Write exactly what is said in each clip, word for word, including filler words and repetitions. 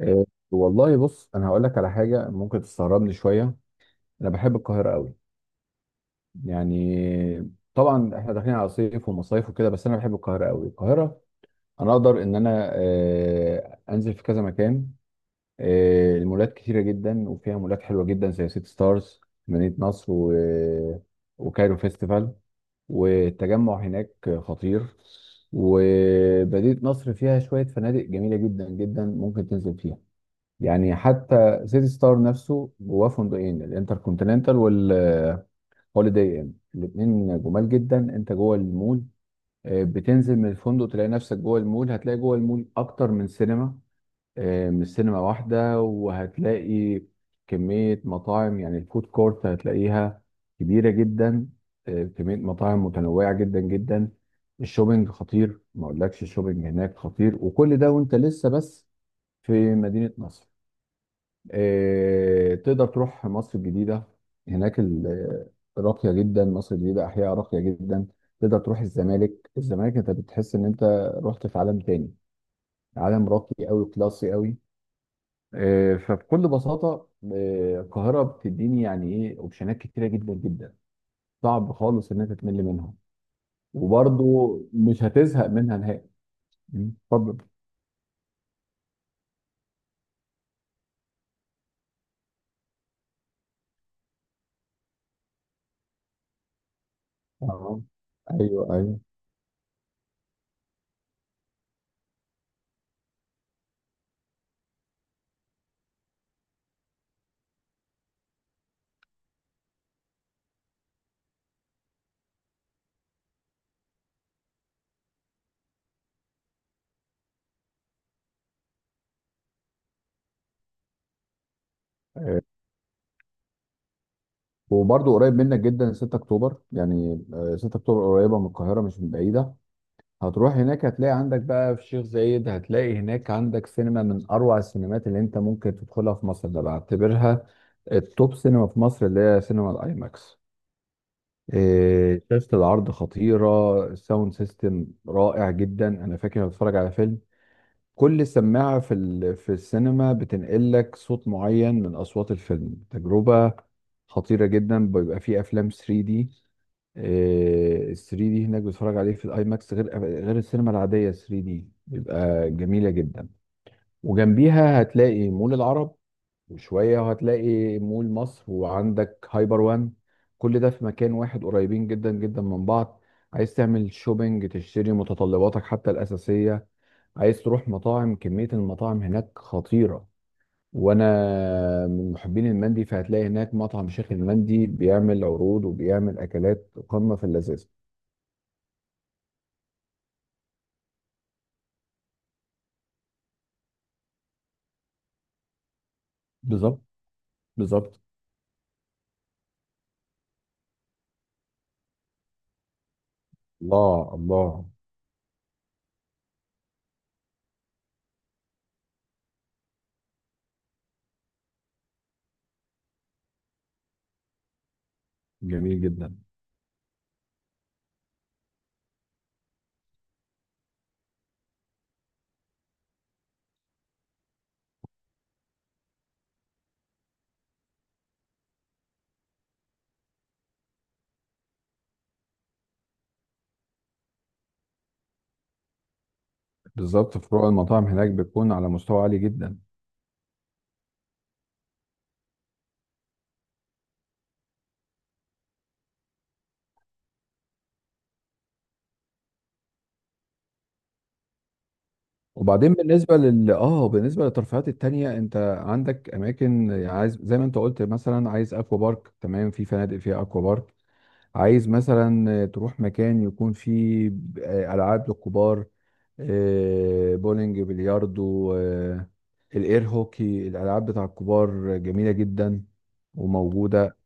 إيه، والله بص، انا هقول لك على حاجه ممكن تستغربني شويه. انا بحب القاهره قوي. يعني طبعا احنا داخلين على صيف ومصايف وكده، بس انا بحب القاهره قوي. القاهره انا اقدر ان انا آه، انزل في كذا مكان. آه، المولات كتيره جدا وفيها مولات حلوه جدا زي سيتي ستارز مدينه نصر و... وكايرو فيستيفال. والتجمع هناك خطير. ومدينه نصر فيها شويه فنادق جميله جدا جدا ممكن تنزل فيها. يعني حتى سيتي ستار نفسه جواه فندقين، الانتر كونتيننتال والهوليداي ان، الاثنين جمال جدا. انت جوه المول، آه، بتنزل من الفندق تلاقي نفسك جوه المول. هتلاقي جوه المول اكتر من سينما، آه، من سينما واحده. وهتلاقي كميه مطاعم، يعني الفود كورت هتلاقيها كبيره جدا. آه، كميه مطاعم متنوعه جدا جدا. الشوبينج خطير، ما اقولكش، الشوبينج هناك خطير. وكل ده وانت لسه بس في مدينه نصر. آه، تقدر تروح مصر الجديدة، هناك ال- آه، راقية جدا، مصر الجديدة أحياء راقية جدا. تقدر تروح الزمالك، الزمالك أنت بتحس إن أنت رحت في عالم تاني، عالم راقي أوي، كلاسي أوي. آه، فبكل بساطة، آه، القاهرة بتديني يعني إيه أوبشنات كتيرة جدا جدا، صعب خالص إن أنت تمل منهم. وبرضه مش هتزهق منها نهائي. اتفضل. اه، ايوه ايوه. أيوه. وبرضه قريب منك جدا، ستة اكتوبر، يعني آه، ستة اكتوبر قريبه من القاهره مش من بعيده. هتروح هناك هتلاقي عندك بقى في الشيخ زايد، هتلاقي هناك عندك سينما من اروع السينمات اللي انت ممكن تدخلها في مصر. ده بعتبرها التوب سينما في مصر، اللي هي سينما الاي ماكس. إيه، شاشة العرض خطيرة، الساوند سيستم رائع جدا. أنا فاكر أنا بتفرج على فيلم، كل سماعة في ال- في السينما بتنقل لك صوت معين من أصوات الفيلم، تجربة خطيرة جدا. بيبقى فيه أفلام ثري دي، ال ثري دي هناك بتتفرج عليه في الاي ماكس، غير غير السينما العاديه. ثري دي بيبقى جميله جدا. وجنبيها هتلاقي مول العرب، وشويه وهتلاقي مول مصر، وعندك هايبر وان، كل ده في مكان واحد قريبين جدا جدا من بعض. عايز تعمل شوبينج تشتري متطلباتك حتى الاساسيه، عايز تروح مطاعم كميه المطاعم هناك خطيره. وانا من محبين المندي، فهتلاقي هناك مطعم شيخ المندي بيعمل عروض وبيعمل اكلات قمه في اللذاذه. بالظبط. بالظبط. الله الله. جميل جدا. بالظبط، فروع المطاعم هناك بتكون على مستوى عالي جدا. وبعدين بالنسبه لل اه بالنسبه للترفيهات التانية، انت عندك اماكن، عايز زي ما انت قلت، مثلا عايز اكوا بارك، تمام، في فنادق فيها اكوا بارك. عايز مثلا تروح مكان يكون فيه آه، العاب للكبار، آه، بولينج، بلياردو، آه، الاير هوكي، الالعاب بتاع الكبار جميله جدا وموجوده.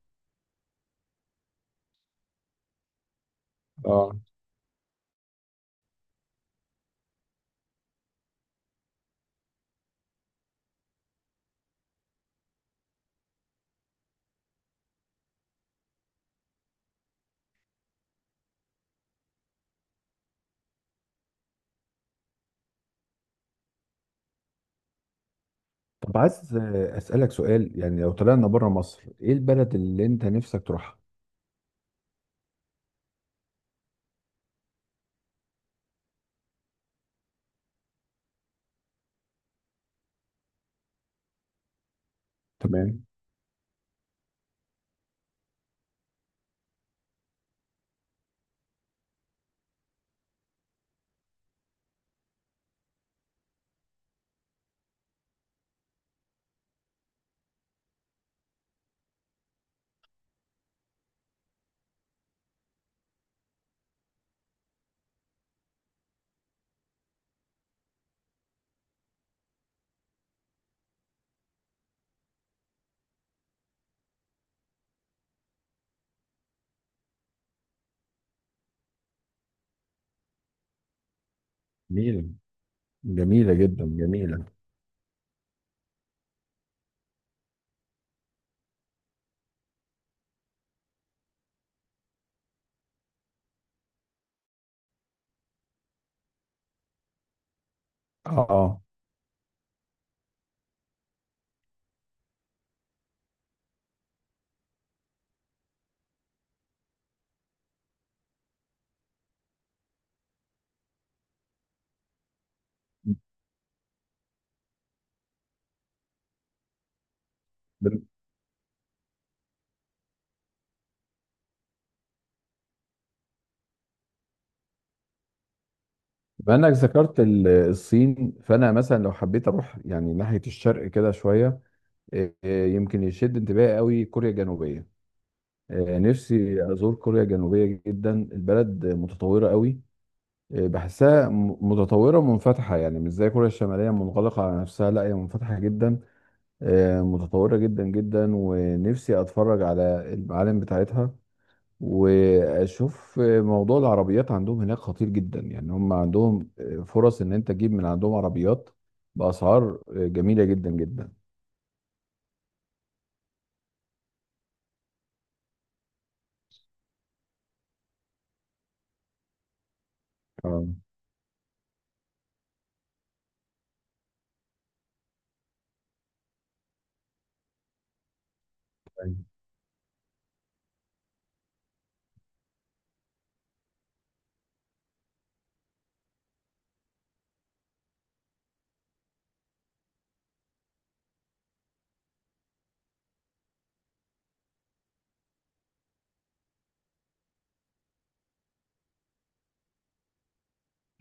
اه. طب عايز آه، اسالك سؤال، يعني لو طلعنا بره مصر، ايه البلد اللي انت نفسك تروحها؟ تمام. جميلة، جميلة جدا، جميلة. اه. بم- بما انك ذكرت ال- الصين، فانا مثلا لو حبيت اروح يعني ناحية الشرق كده شوية. إيه، إيه، يمكن يشد انتباهي قوي كوريا الجنوبية. إيه، نفسي ازور كوريا الجنوبية جدا، البلد متطورة قوي. إيه، بحسها م- متطورة ومنفتحة، يعني مش زي كوريا الشمالية منغلقة على نفسها، لا هي منفتحة جدا. آه، متطورة جدا جدا، ونفسي اتفرج على المعالم بتاعتها. واشوف آه، موضوع العربيات عندهم هناك خطير جدا. يعني هم عندهم آه، فرص ان انت تجيب من عندهم عربيات باسعار آه، جميلة جدا جدا. اه. طيب.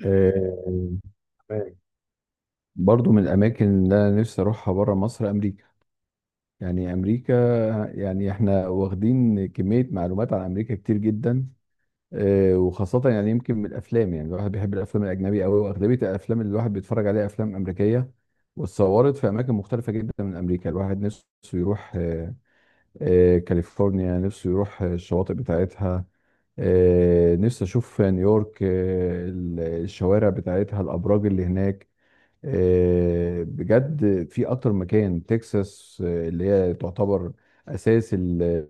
آه، تمام. برضو من الاماكن اللي انا نفسي اروحها بره مصر امريكا. يعني امريكا، يعني احنا واخدين كمية معلومات عن امريكا كتير جدا. آه، وخاصة يعني يمكن من الأفلام، يعني الواحد بيحب الأفلام الأجنبية أوي، وأغلبية الأفلام اللي الواحد بيتفرج عليها أفلام أمريكية. واتصورت في أماكن مختلفة جدا من أمريكا، الواحد نفسه يروح آه، آه، كاليفورنيا، نفسه يروح آه، الشواطئ بتاعتها. آه، نفسي أشوف نيويورك، آه، ال- الشوارع بتاعتها، الأبراج اللي هناك. آه، بجد في أكتر مكان تكساس، آه، اللي هي تعتبر أساس ال-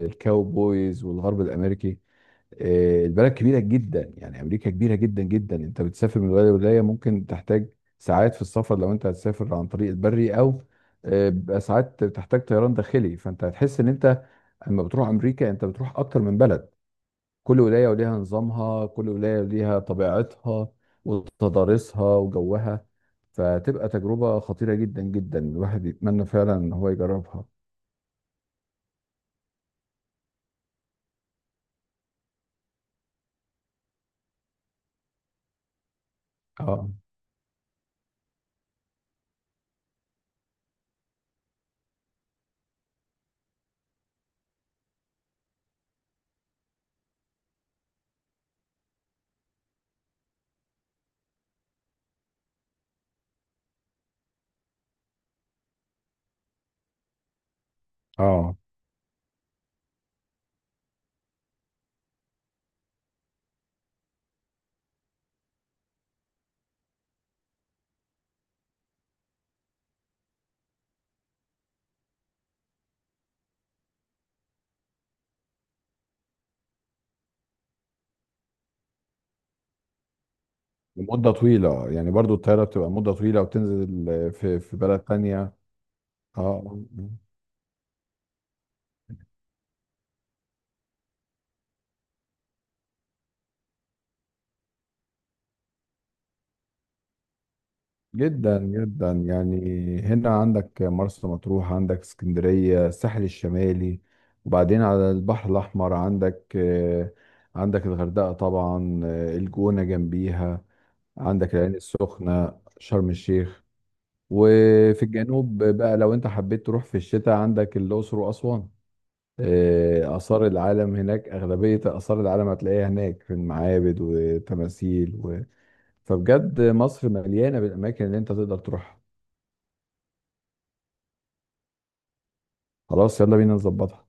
الكاوبويز والغرب الأمريكي. آه، البلد كبيرة جدا، يعني أمريكا كبيرة جدا جدا، أنت بتسافر من ولاية لولاية ممكن تحتاج ساعات في السفر لو أنت هتسافر عن طريق البري، أو آه، بيبقى ساعات بتحتاج طيران داخلي. فأنت هتحس إن أنت لما بتروح أمريكا أنت بتروح أكتر من بلد، كل ولاية وليها نظامها، كل ولاية وليها طبيعتها وتضاريسها وجوها. فتبقى تجربة خطيرة جدا جدا الواحد يتمنى فعلا إن هو يجربها. اه اه. لمدة طويلة، يعني برضو الطيارة بتبقى مدة طويلة، وتنزل في في بلد تانية. اه. آه، آه. جدا جدا، يعني هنا عندك مرسى مطروح، عندك اسكندرية، الساحل الشمالي. وبعدين على البحر الأحمر عندك، آه، عندك الغردقة طبعا، آه، الجونة جنبيها، عندك العين السخنة، شرم الشيخ. وفي الجنوب بقى لو انت حبيت تروح في الشتاء عندك الأقصر وأسوان. آه، آثار العالم هناك، أغلبية آثار العالم هتلاقيها هناك في المعابد وتماثيل و... فبجد مصر مليانة بالأماكن اللي أنت تقدر تروحها. خلاص يلا بينا نظبطها.